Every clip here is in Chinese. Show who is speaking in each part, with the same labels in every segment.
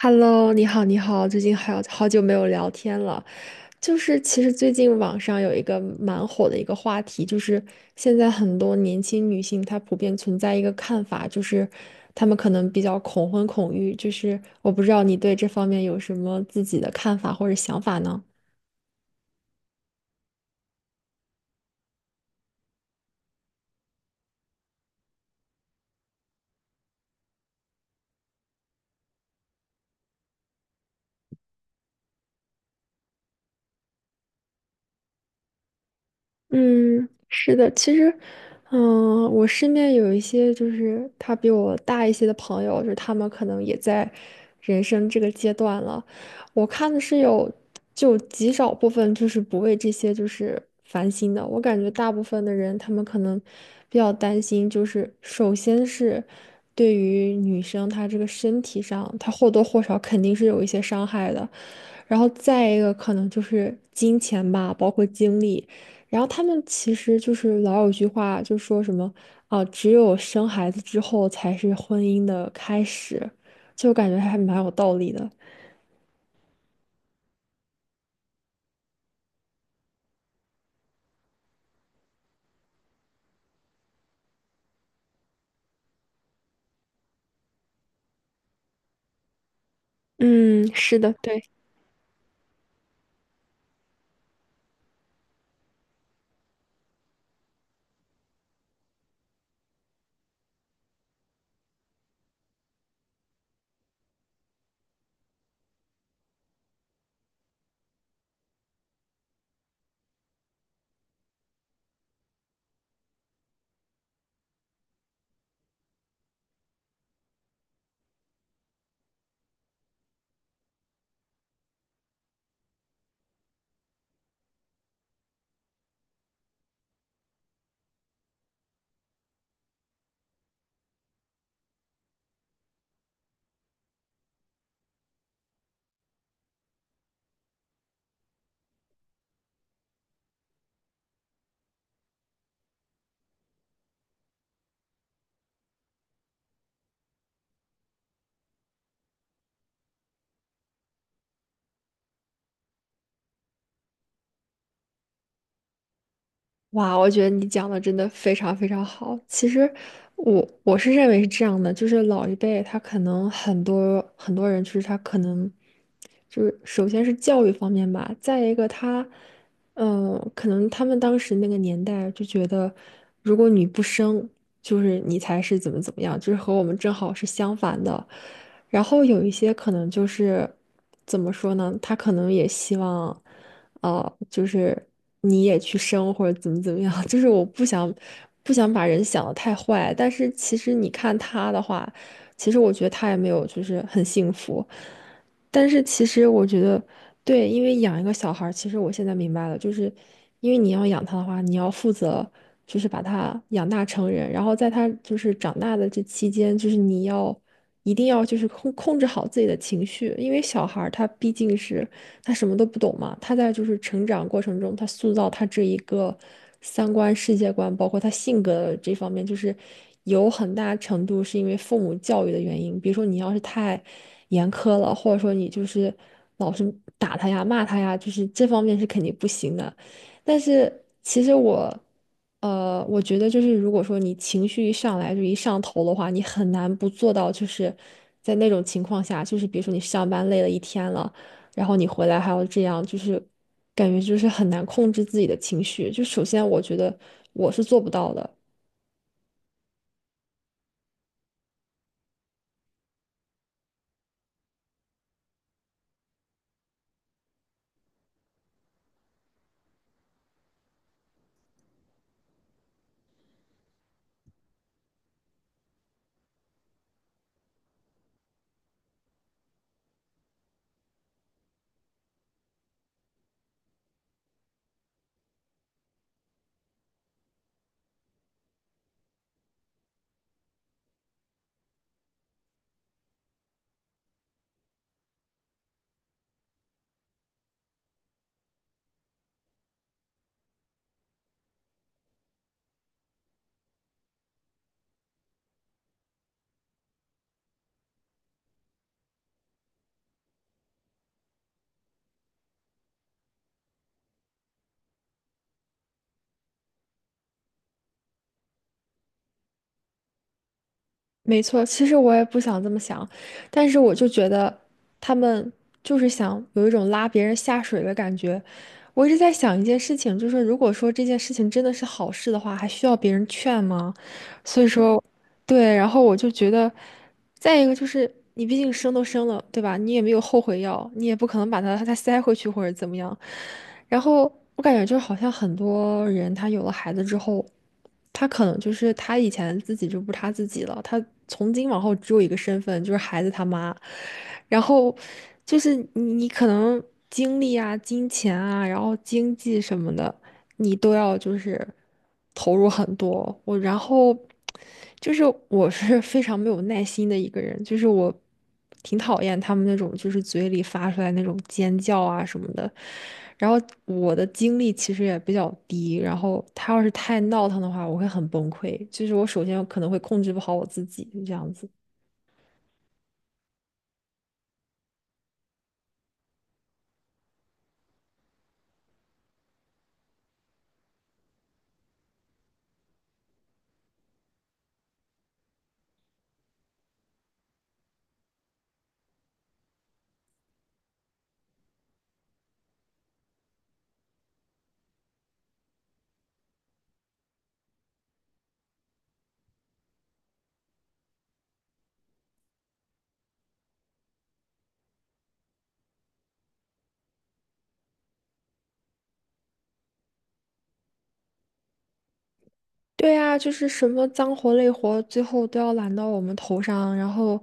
Speaker 1: Hello，你好，你好，最近好久没有聊天了。就是其实最近网上有一个蛮火的一个话题，就是现在很多年轻女性她普遍存在一个看法，就是她们可能比较恐婚恐育。就是我不知道你对这方面有什么自己的看法或者想法呢？嗯，是的，其实，我身边有一些就是他比我大一些的朋友，就是他们可能也在人生这个阶段了。我看的是有就极少部分就是不为这些就是烦心的。我感觉大部分的人，他们可能比较担心，就是首先是对于女生她这个身体上，她或多或少肯定是有一些伤害的。然后再一个可能就是金钱吧，包括精力。然后他们其实就是老有句话，就说什么只有生孩子之后才是婚姻的开始，就感觉还蛮有道理的。嗯，是的，对。哇，我觉得你讲的真的非常非常好。其实我是认为是这样的，就是老一辈他可能很多很多人，就是他可能就是首先是教育方面吧，再一个他，可能他们当时那个年代就觉得，如果你不生，就是你才是怎么怎么样，就是和我们正好是相反的。然后有一些可能就是怎么说呢，他可能也希望。哦，就是你也去生或者怎么怎么样，就是我不想把人想的太坏，但是其实你看他的话，其实我觉得他也没有就是很幸福，但是其实我觉得对，因为养一个小孩儿其实我现在明白了，就是因为你要养他的话，你要负责就是把他养大成人，然后在他就是长大的这期间，就是你要。一定要就是控制好自己的情绪，因为小孩儿他毕竟是他什么都不懂嘛。他在就是成长过程中，他塑造他这一个三观、世界观，包括他性格这方面，就是有很大程度是因为父母教育的原因。比如说，你要是太严苛了，或者说你就是老是打他呀、骂他呀，就是这方面是肯定不行的。但是其实我。我觉得就是，如果说你情绪一上来就一上头的话，你很难不做到，就是在那种情况下，就是比如说你上班累了一天了，然后你回来还要这样，就是感觉就是很难控制自己的情绪。就首先，我觉得我是做不到的，没错。其实我也不想这么想，但是我就觉得他们就是想有一种拉别人下水的感觉。我一直在想一件事情，就是如果说这件事情真的是好事的话，还需要别人劝吗？所以说，对，然后我就觉得，再一个就是你毕竟生都生了，对吧？你也没有后悔药，你也不可能把他再塞回去或者怎么样。然后我感觉就好像很多人他有了孩子之后，他可能就是他以前自己就不是他自己了，他从今往后只有一个身份，就是孩子他妈。然后就是你可能精力啊、金钱啊，然后经济什么的。你都要就是投入很多。我然后就是我是非常没有耐心的一个人，就是我挺讨厌他们那种就是嘴里发出来那种尖叫啊什么的。然后我的精力其实也比较低，然后他要是太闹腾的话，我会很崩溃。就是我首先可能会控制不好我自己，这样子。对啊，就是什么脏活累活，最后都要揽到我们头上，然后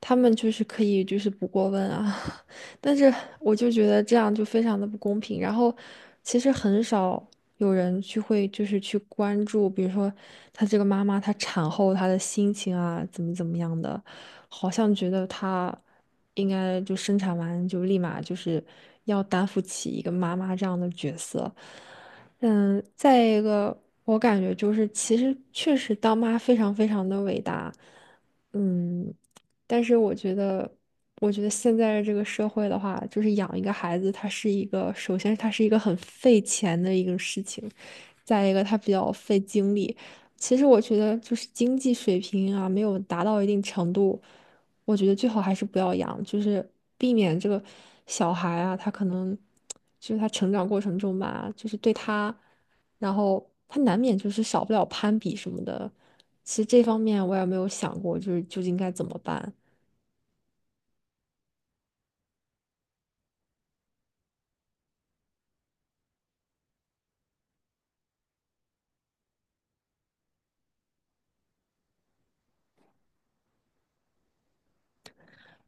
Speaker 1: 他们就是可以就是不过问啊，但是我就觉得这样就非常的不公平。然后其实很少有人去会就是去关注，比如说她这个妈妈她产后她的心情啊，怎么怎么样的，好像觉得她应该就生产完就立马就是要担负起一个妈妈这样的角色。嗯，再一个，我感觉就是，其实确实当妈非常非常的伟大，嗯，但是我觉得，我觉得现在这个社会的话，就是养一个孩子，它是一个，首先它是一个很费钱的一个事情，再一个它比较费精力。其实我觉得，就是经济水平啊，没有达到一定程度。我觉得最好还是不要养，就是避免这个小孩啊，他可能就是他成长过程中吧，就是对他，然后他难免就是少不了攀比什么的。其实这方面我也没有想过，就是究竟该怎么办。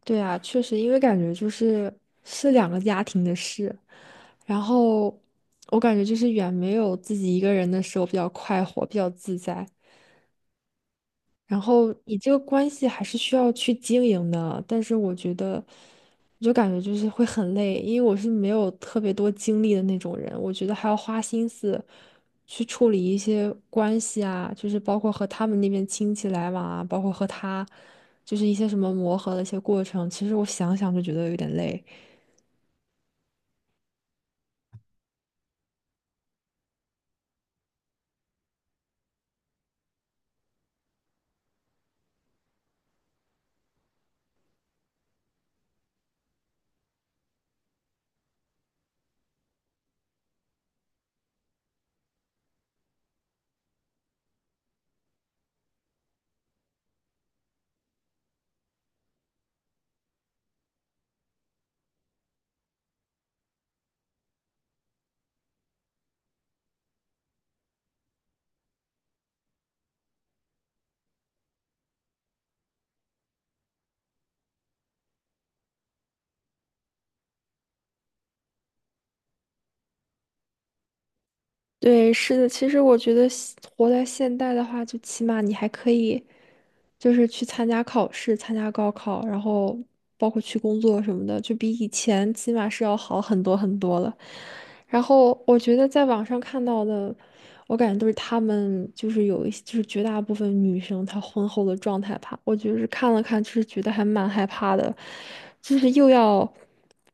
Speaker 1: 对啊，确实，因为感觉就是是两个家庭的事，然后我感觉就是远没有自己一个人的时候比较快活，比较自在。然后你这个关系还是需要去经营的，但是我觉得，我就感觉就是会很累，因为我是没有特别多精力的那种人，我觉得还要花心思去处理一些关系啊，就是包括和他们那边亲戚来往啊，包括和他，就是一些什么磨合的一些过程，其实我想想就觉得有点累。对，是的，其实我觉得现活在现代的话，就起码你还可以。就是去参加考试、参加高考，然后包括去工作什么的，就比以前起码是要好很多很多了。然后我觉得在网上看到的，我感觉都是他们就是有一些就是绝大部分女生她婚后的状态吧，我就是看了看，就是觉得还蛮害怕的，就是又要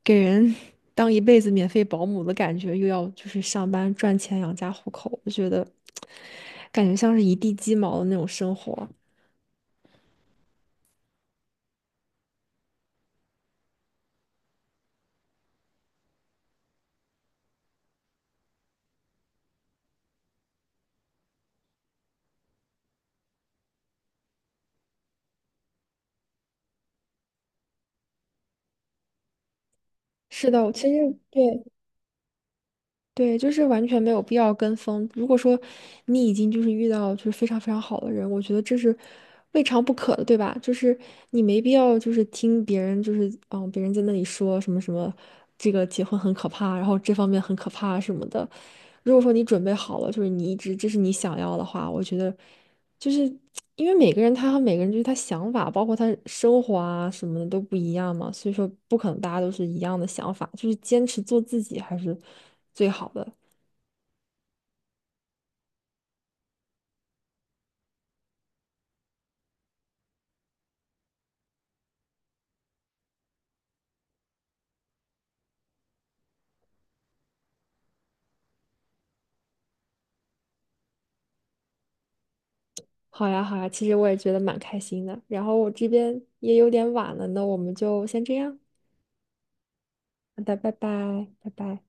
Speaker 1: 给人 当一辈子免费保姆的感觉，又要就是上班赚钱养家糊口，我觉得感觉像是一地鸡毛的那种生活。是的，其实对，就是完全没有必要跟风。如果说你已经就是遇到就是非常非常好的人，我觉得这是未尝不可的，对吧？就是你没必要就是听别人就是别人在那里说什么什么，这个结婚很可怕，然后这方面很可怕什么的。如果说你准备好了，就是你一直这是你想要的话，我觉得。就是因为每个人他和每个人就是他想法，包括他生活啊什么的都不一样嘛，所以说不可能大家都是一样的想法，就是坚持做自己还是最好的。好呀，好呀，其实我也觉得蛮开心的。然后我这边也有点晚了，那我们就先这样。好的，拜拜，拜拜。